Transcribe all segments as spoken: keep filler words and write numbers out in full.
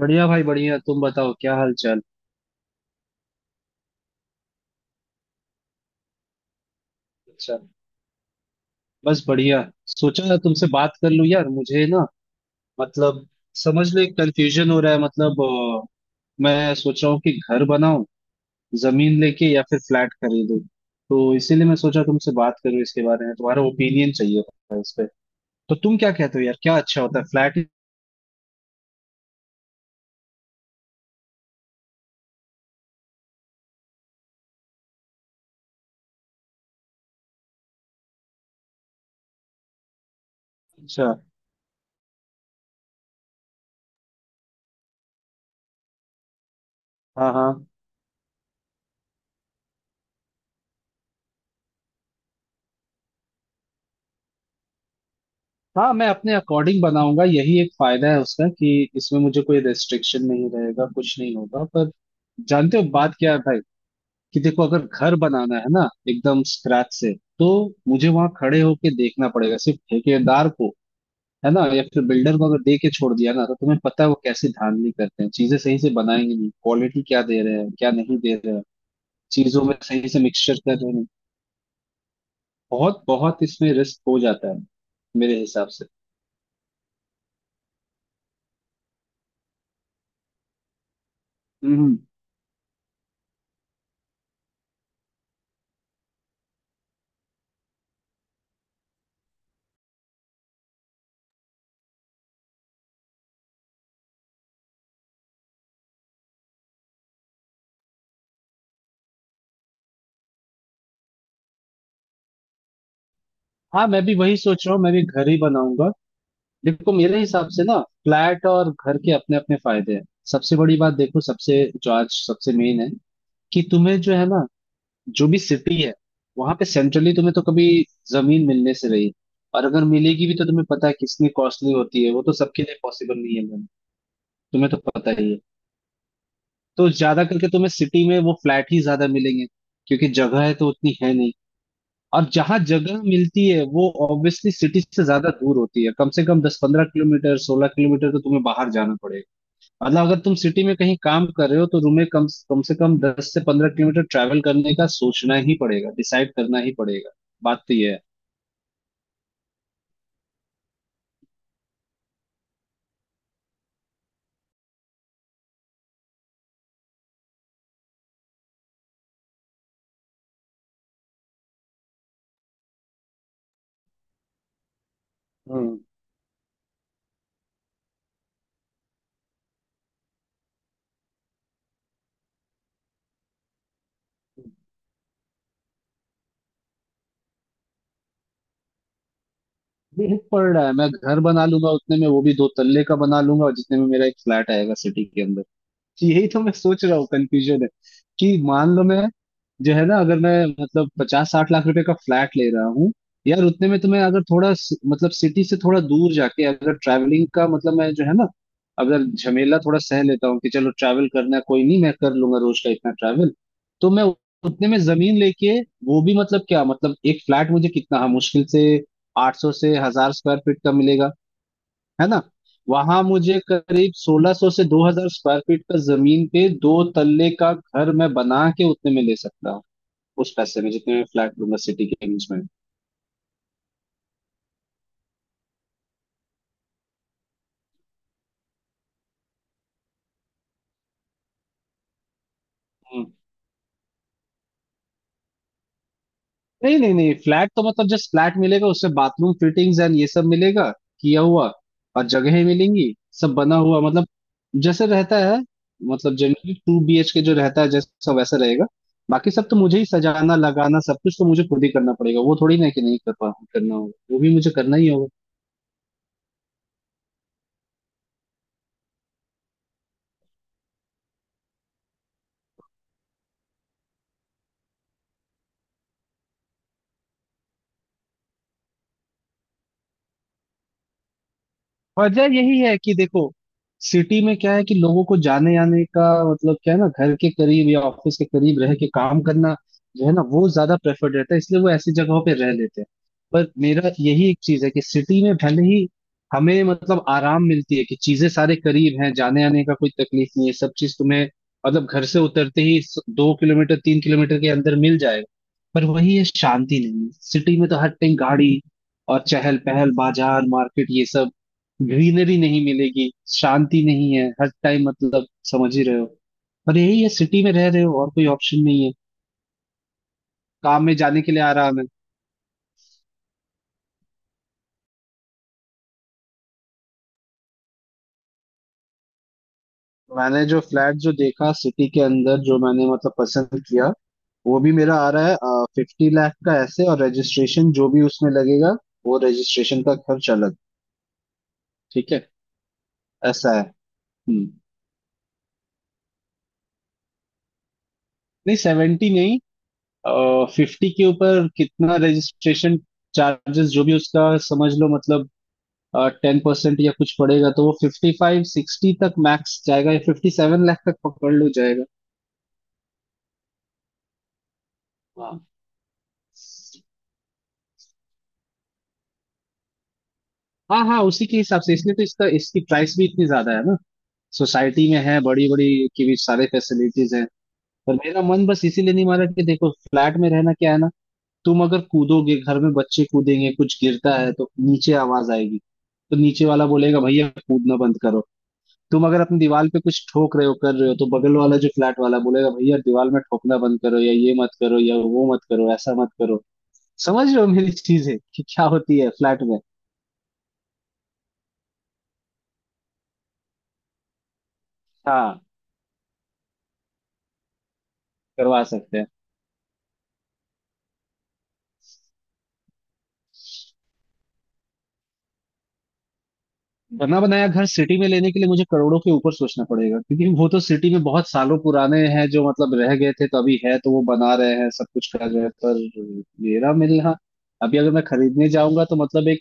बढ़िया भाई बढ़िया। तुम बताओ क्या हाल चाल। अच्छा, बस बढ़िया। सोचा ना तुमसे बात कर लूं यार। मुझे ना मतलब समझ लो एक कंफ्यूजन हो रहा है, मतलब अ, मैं सोच रहा हूँ कि घर बनाऊं, जमीन लेके या फिर फ्लैट खरीदूं। तो इसीलिए मैं सोचा तुमसे बात करूं इसके बारे में, तुम्हारा ओपिनियन चाहिए था इस पे। तो तुम क्या कहते हो यार, क्या अच्छा होता है फ्लैट? अच्छा। हाँ हाँ। हाँ मैं अपने अकॉर्डिंग बनाऊंगा, यही एक फायदा है उसका कि इसमें मुझे कोई रेस्ट्रिक्शन नहीं रहेगा, कुछ नहीं होगा। पर जानते हो बात क्या है भाई, कि देखो अगर घर बनाना है ना एकदम स्क्रैच से, तो मुझे वहां खड़े होके देखना पड़ेगा सिर्फ ठेकेदार को, है ना। या फिर बिल्डर को अगर दे के छोड़ दिया ना तो तुम्हें पता है वो कैसे धांधली करते हैं, चीजें सही से बनाएंगे नहीं, क्वालिटी क्या दे रहे हैं क्या नहीं दे रहे हैं, चीजों में सही से मिक्सचर कर रहे हैं नहीं। बहुत बहुत इसमें रिस्क हो जाता है मेरे हिसाब से। हम्म। हाँ मैं भी वही सोच रहा हूँ, मैं भी घर ही बनाऊंगा। देखो मेरे हिसाब से ना, फ्लैट और घर के अपने अपने फायदे हैं। सबसे बड़ी बात देखो, सबसे जो आज सबसे मेन है कि तुम्हें जो है ना, जो भी सिटी है वहां पे सेंट्रली तुम्हें तो कभी जमीन मिलने से रही। और अगर मिलेगी भी तो तुम्हें पता है कितनी कॉस्टली होती है, वो तो सबके लिए पॉसिबल नहीं है मैम, तुम्हें तो पता ही है। तो ज्यादा करके तुम्हें सिटी में वो फ्लैट ही ज्यादा मिलेंगे, क्योंकि जगह है तो उतनी है नहीं। और जहां जगह मिलती है वो ऑब्वियसली सिटी से ज्यादा दूर होती है, कम से कम दस पंद्रह किलोमीटर सोलह किलोमीटर तो तुम्हें बाहर जाना पड़ेगा। मतलब अगर तुम सिटी में कहीं काम कर रहे हो तो तुम्हें कम कम से कम दस से पंद्रह किलोमीटर ट्रैवल करने का सोचना ही पड़ेगा, डिसाइड करना ही पड़ेगा। बात तो ये है। हम्म ये पड़ रहा है मैं घर बना लूंगा उतने में, वो भी दो तल्ले का बना लूंगा, और जितने में मेरा एक फ्लैट आएगा सिटी के अंदर। तो यही तो मैं सोच रहा हूँ, कंफ्यूजन है कि मान लो मैं, जो है ना, अगर मैं मतलब पचास साठ लाख रुपए का फ्लैट ले रहा हूँ, यार उतने में तो मैं अगर थोड़ा सि- मतलब सिटी से थोड़ा दूर जाके अगर ट्रैवलिंग का मतलब, मैं जो है ना, अगर झमेला थोड़ा सह लेता हूँ कि चलो ट्रैवल करना है कोई नहीं मैं कर लूंगा रोज का इतना ट्रैवल, तो मैं उतने में जमीन लेके, वो भी मतलब क्या, मतलब एक फ्लैट मुझे कितना, हाँ मुश्किल से आठ सौ से हजार स्क्वायर फीट का मिलेगा, है ना। वहां मुझे करीब सोलह सौ से दो हजार स्क्वायर फीट का जमीन पे दो तल्ले का घर मैं बना के उतने में ले सकता हूँ, उस पैसे में जितने में फ्लैट लूंगा सिटी के बीच में। हम्म, नहीं नहीं नहीं, फ्लैट तो मतलब जस्ट फ्लैट मिलेगा, उसमें बाथरूम फिटिंग्स एंड ये सब मिलेगा किया हुआ, और जगहें मिलेंगी, सब बना हुआ, मतलब जैसे रहता है, मतलब generally two B H K जो रहता है जैसा वैसा रहेगा। बाकी सब तो मुझे ही सजाना लगाना सब कुछ तो मुझे खुद ही करना पड़ेगा, वो थोड़ी ना है कि नहीं कर पा, करना होगा वो भी मुझे करना ही होगा। वजह यही है कि देखो सिटी में क्या है कि लोगों को जाने आने का, मतलब क्या है ना, घर के करीब या ऑफिस के करीब रह के काम करना जो है ना वो ज्यादा प्रेफर्ड रहता है, इसलिए वो ऐसी जगहों पे रह लेते हैं। पर मेरा यही एक चीज है कि सिटी में भले ही हमें मतलब आराम मिलती है कि चीजें सारे करीब हैं, जाने आने का कोई तकलीफ नहीं है, सब चीज तुम्हें मतलब घर से उतरते ही स- दो किलोमीटर तीन किलोमीटर के अंदर मिल जाएगा। पर वही है, शांति नहीं है सिटी में, तो हर टाइम गाड़ी और चहल पहल बाजार मार्केट ये सब, ग्रीनरी नहीं मिलेगी, शांति नहीं है हर टाइम, मतलब समझ ही रहे हो। और यही है सिटी में रह रहे हो और कोई ऑप्शन नहीं है, काम में जाने के लिए आराम है। मैंने जो फ्लैट जो देखा सिटी के अंदर, जो मैंने मतलब पसंद किया, वो भी मेरा आ रहा है फिफ्टी लाख का ऐसे, और रजिस्ट्रेशन जो भी उसमें लगेगा, वो रजिस्ट्रेशन का खर्च अलग। ठीक है। ऐसा है। हम्म नहीं सेवेंटी नहीं, फिफ्टी के ऊपर कितना रजिस्ट्रेशन चार्जेस जो भी उसका, समझ लो मतलब टेन परसेंट या कुछ पड़ेगा तो वो फिफ्टी फाइव सिक्सटी तक मैक्स जाएगा, या फिफ्टी सेवन लाख तक पकड़ लो जाएगा। वाह। हाँ हाँ, उसी के हिसाब से, इसलिए तो इसका इसकी प्राइस भी इतनी ज्यादा है ना, सोसाइटी में है बड़ी बड़ी की भी सारे फैसिलिटीज हैं। पर मेरा मन बस इसीलिए नहीं मारा कि देखो फ्लैट में रहना क्या है ना, तुम अगर कूदोगे घर में, बच्चे कूदेंगे, कुछ गिरता है तो नीचे आवाज आएगी तो नीचे वाला बोलेगा भैया कूदना बंद करो। तुम अगर अपनी दीवार पे कुछ ठोक रहे हो कर रहे हो तो बगल वाला जो फ्लैट वाला बोलेगा भैया दीवार में ठोकना बंद करो, या ये मत करो या वो मत करो ऐसा मत करो। समझ रहे हो मेरी चीज है कि क्या होती है फ्लैट में। हाँ करवा सकते हैं। बना बनाया घर सिटी में लेने के लिए मुझे करोड़ों के ऊपर सोचना पड़ेगा, क्योंकि वो तो सिटी में बहुत सालों पुराने हैं जो मतलब रह गए थे, तो अभी है तो वो बना रहे हैं सब कुछ कर रहे हैं, पर मेरा मिलना अभी अगर मैं खरीदने जाऊंगा, तो मतलब एक,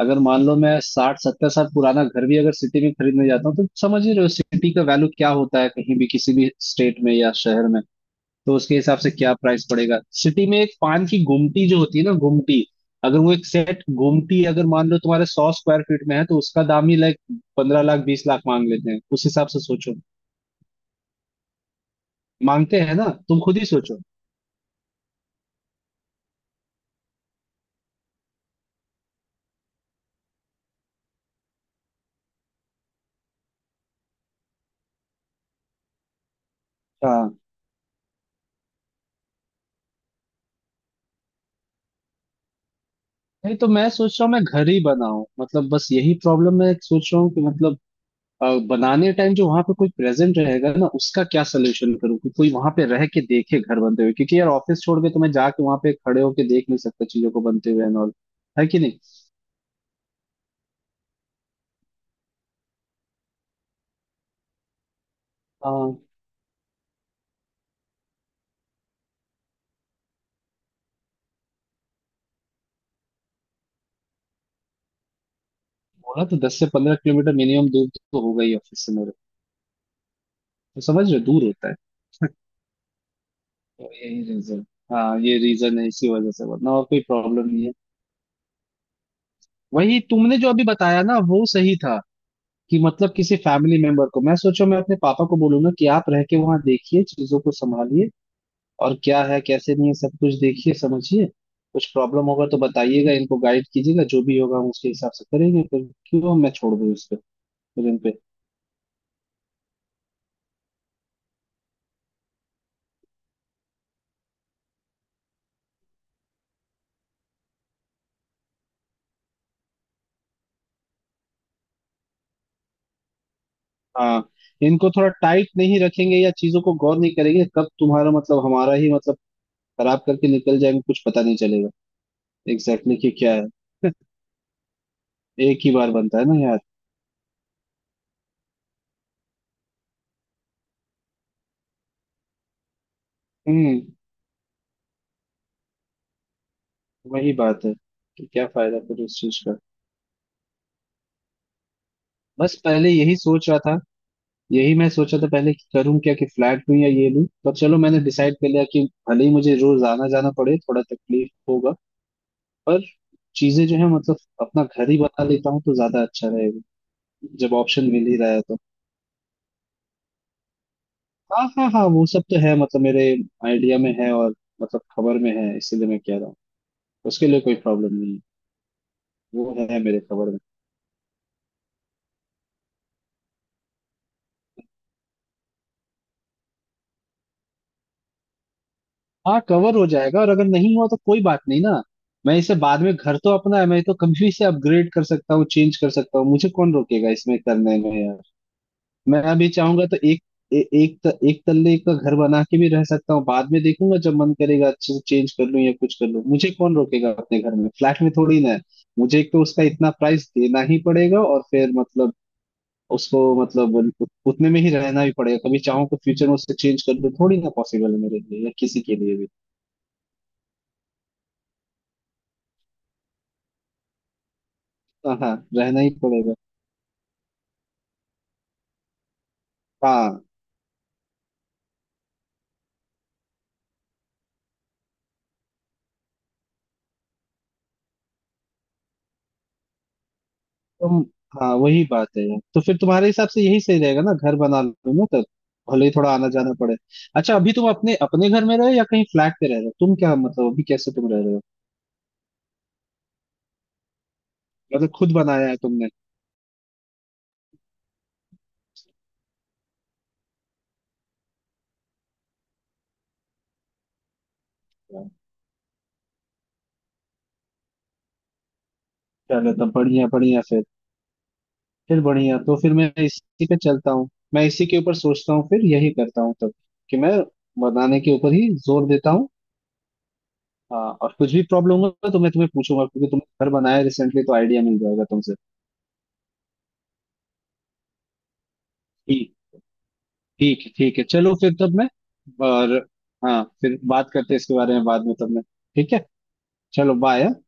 अगर मान लो मैं साठ सत्तर साल पुराना घर भी अगर सिटी में खरीदने जाता हूँ, तो समझ ही रहे हो सिटी का वैल्यू क्या होता है कहीं भी किसी भी स्टेट में या शहर में, तो उसके हिसाब से क्या प्राइस पड़ेगा सिटी में। एक पान की गुमटी जो होती है ना गुमटी, अगर वो एक सेट गुमटी अगर मान लो तुम्हारे सौ स्क्वायर फीट में है तो उसका दाम ही लाइक पंद्रह लाख बीस लाख मांग लेते हैं, उस हिसाब से सोचो, मांगते हैं ना, तुम खुद ही सोचो। हाँ नहीं तो मैं सोच रहा हूँ मैं घर ही बनाऊं, मतलब बस यही प्रॉब्लम मैं सोच रहा हूँ कि मतलब अ, बनाने टाइम जो वहां पे कोई प्रेजेंट रहेगा ना उसका क्या सोल्यूशन करूँ कि कोई वहां पे रह के देखे घर बनते हुए, क्योंकि यार ऑफिस छोड़ के तो मैं जाके वहां पे खड़े होके देख नहीं सकता चीजों को बनते हुए एंड ऑल। है कि नहीं। अ, बोला तो दस से पंद्रह किलोमीटर मिनिमम दूर तो होगा ही ऑफिस से मेरे, तो समझ रहे हो, दूर होता है। तो यही रीजन, हाँ ये रीजन है, इसी वजह से, वरना और कोई प्रॉब्लम नहीं है। वही तुमने जो अभी बताया ना वो सही था, कि मतलब किसी फैमिली मेंबर को, मैं सोचो मैं अपने पापा को बोलूंगा कि आप रह के वहां देखिए चीजों को संभालिए, और क्या है कैसे नहीं है सब कुछ देखिए समझिए, कुछ प्रॉब्लम होगा तो बताइएगा इनको गाइड कीजिएगा, जो भी होगा हम उसके हिसाब से करेंगे फिर। क्यों मैं छोड़ दूँ इस पे, फिर इन पे। हाँ इनको थोड़ा टाइट नहीं रखेंगे या चीजों को गौर नहीं करेंगे, कब तुम्हारा मतलब हमारा ही मतलब खराब करके निकल जाएंगे कुछ पता नहीं चलेगा। एग्जैक्टली exactly, कि क्या है, एक ही बार बनता है ना यार। हम्म। वही बात है कि क्या फायदा फिर उस चीज का। बस पहले यही सोच रहा था, यही मैं सोचा था पहले कि करूं क्या, कि फ्लैट लूं या ये लूं, पर चलो मैंने डिसाइड कर लिया कि भले ही मुझे रोज आना जाना पड़े थोड़ा तकलीफ होगा, पर चीजें जो है मतलब अपना घर ही बना लेता हूँ तो ज्यादा अच्छा रहेगा, जब ऑप्शन मिल ही रहा है तो। हाँ हाँ हाँ, वो सब तो है मतलब मेरे आइडिया में है, और मतलब खबर में है, इसीलिए मैं कह रहा हूँ, उसके लिए कोई प्रॉब्लम नहीं है, वो है मेरे खबर में। हाँ कवर हो जाएगा, और अगर नहीं हुआ तो कोई बात नहीं ना, मैं इसे बाद में, घर तो अपना है, मैं तो कभी भी इसे अपग्रेड कर सकता हूँ चेंज कर सकता हूँ, मुझे कौन रोकेगा इसमें करने में। मैं अभी चाहूंगा तो एक ए, एक त, एक तल्ले का घर बना के भी रह सकता हूँ, बाद में देखूंगा जब मन करेगा अच्छे से चेंज कर लूं या कुछ कर लूं, मुझे कौन रोकेगा अपने घर में, फ्लैट में थोड़ी ना है। मुझे एक तो उसका इतना प्राइस देना ही पड़ेगा, और फिर मतलब उसको मतलब उत- उतने में ही रहना भी पड़ेगा, कभी चाहूँ तो फ्यूचर में उससे चेंज कर लूं थोड़ी ना पॉसिबल है मेरे लिए या किसी के लिए भी। हाँ हाँ रहना ही पड़ेगा। हाँ तुम, हाँ वही बात है यार, तो फिर तुम्हारे हिसाब से यही सही रहेगा ना, घर बना लो ना तब, भले ही थोड़ा आना जाना पड़े। अच्छा अभी तुम अपने अपने घर में रहे हो या कहीं फ्लैट पे रह रहे हो, तुम क्या मतलब अभी कैसे तुम रह रहे हो? मतलब खुद बनाया है तुमने? चलो तब बढ़िया बढ़िया फिर। फिर बढ़िया, तो फिर मैं इसी पे चलता हूँ, मैं इसी के ऊपर सोचता हूँ, फिर यही करता हूँ तब, कि मैं बनाने के ऊपर ही जोर देता हूँ। हाँ और कुछ भी प्रॉब्लम होगा तो मैं तुम्हें पूछूंगा, क्योंकि तुमने घर बनाया रिसेंटली तो आइडिया मिल जाएगा तुमसे। ठीक है ठीक है चलो फिर तब मैं, और हाँ फिर बात करते हैं इसके बारे में बाद में तब मैं। ठीक है। चलो बाय।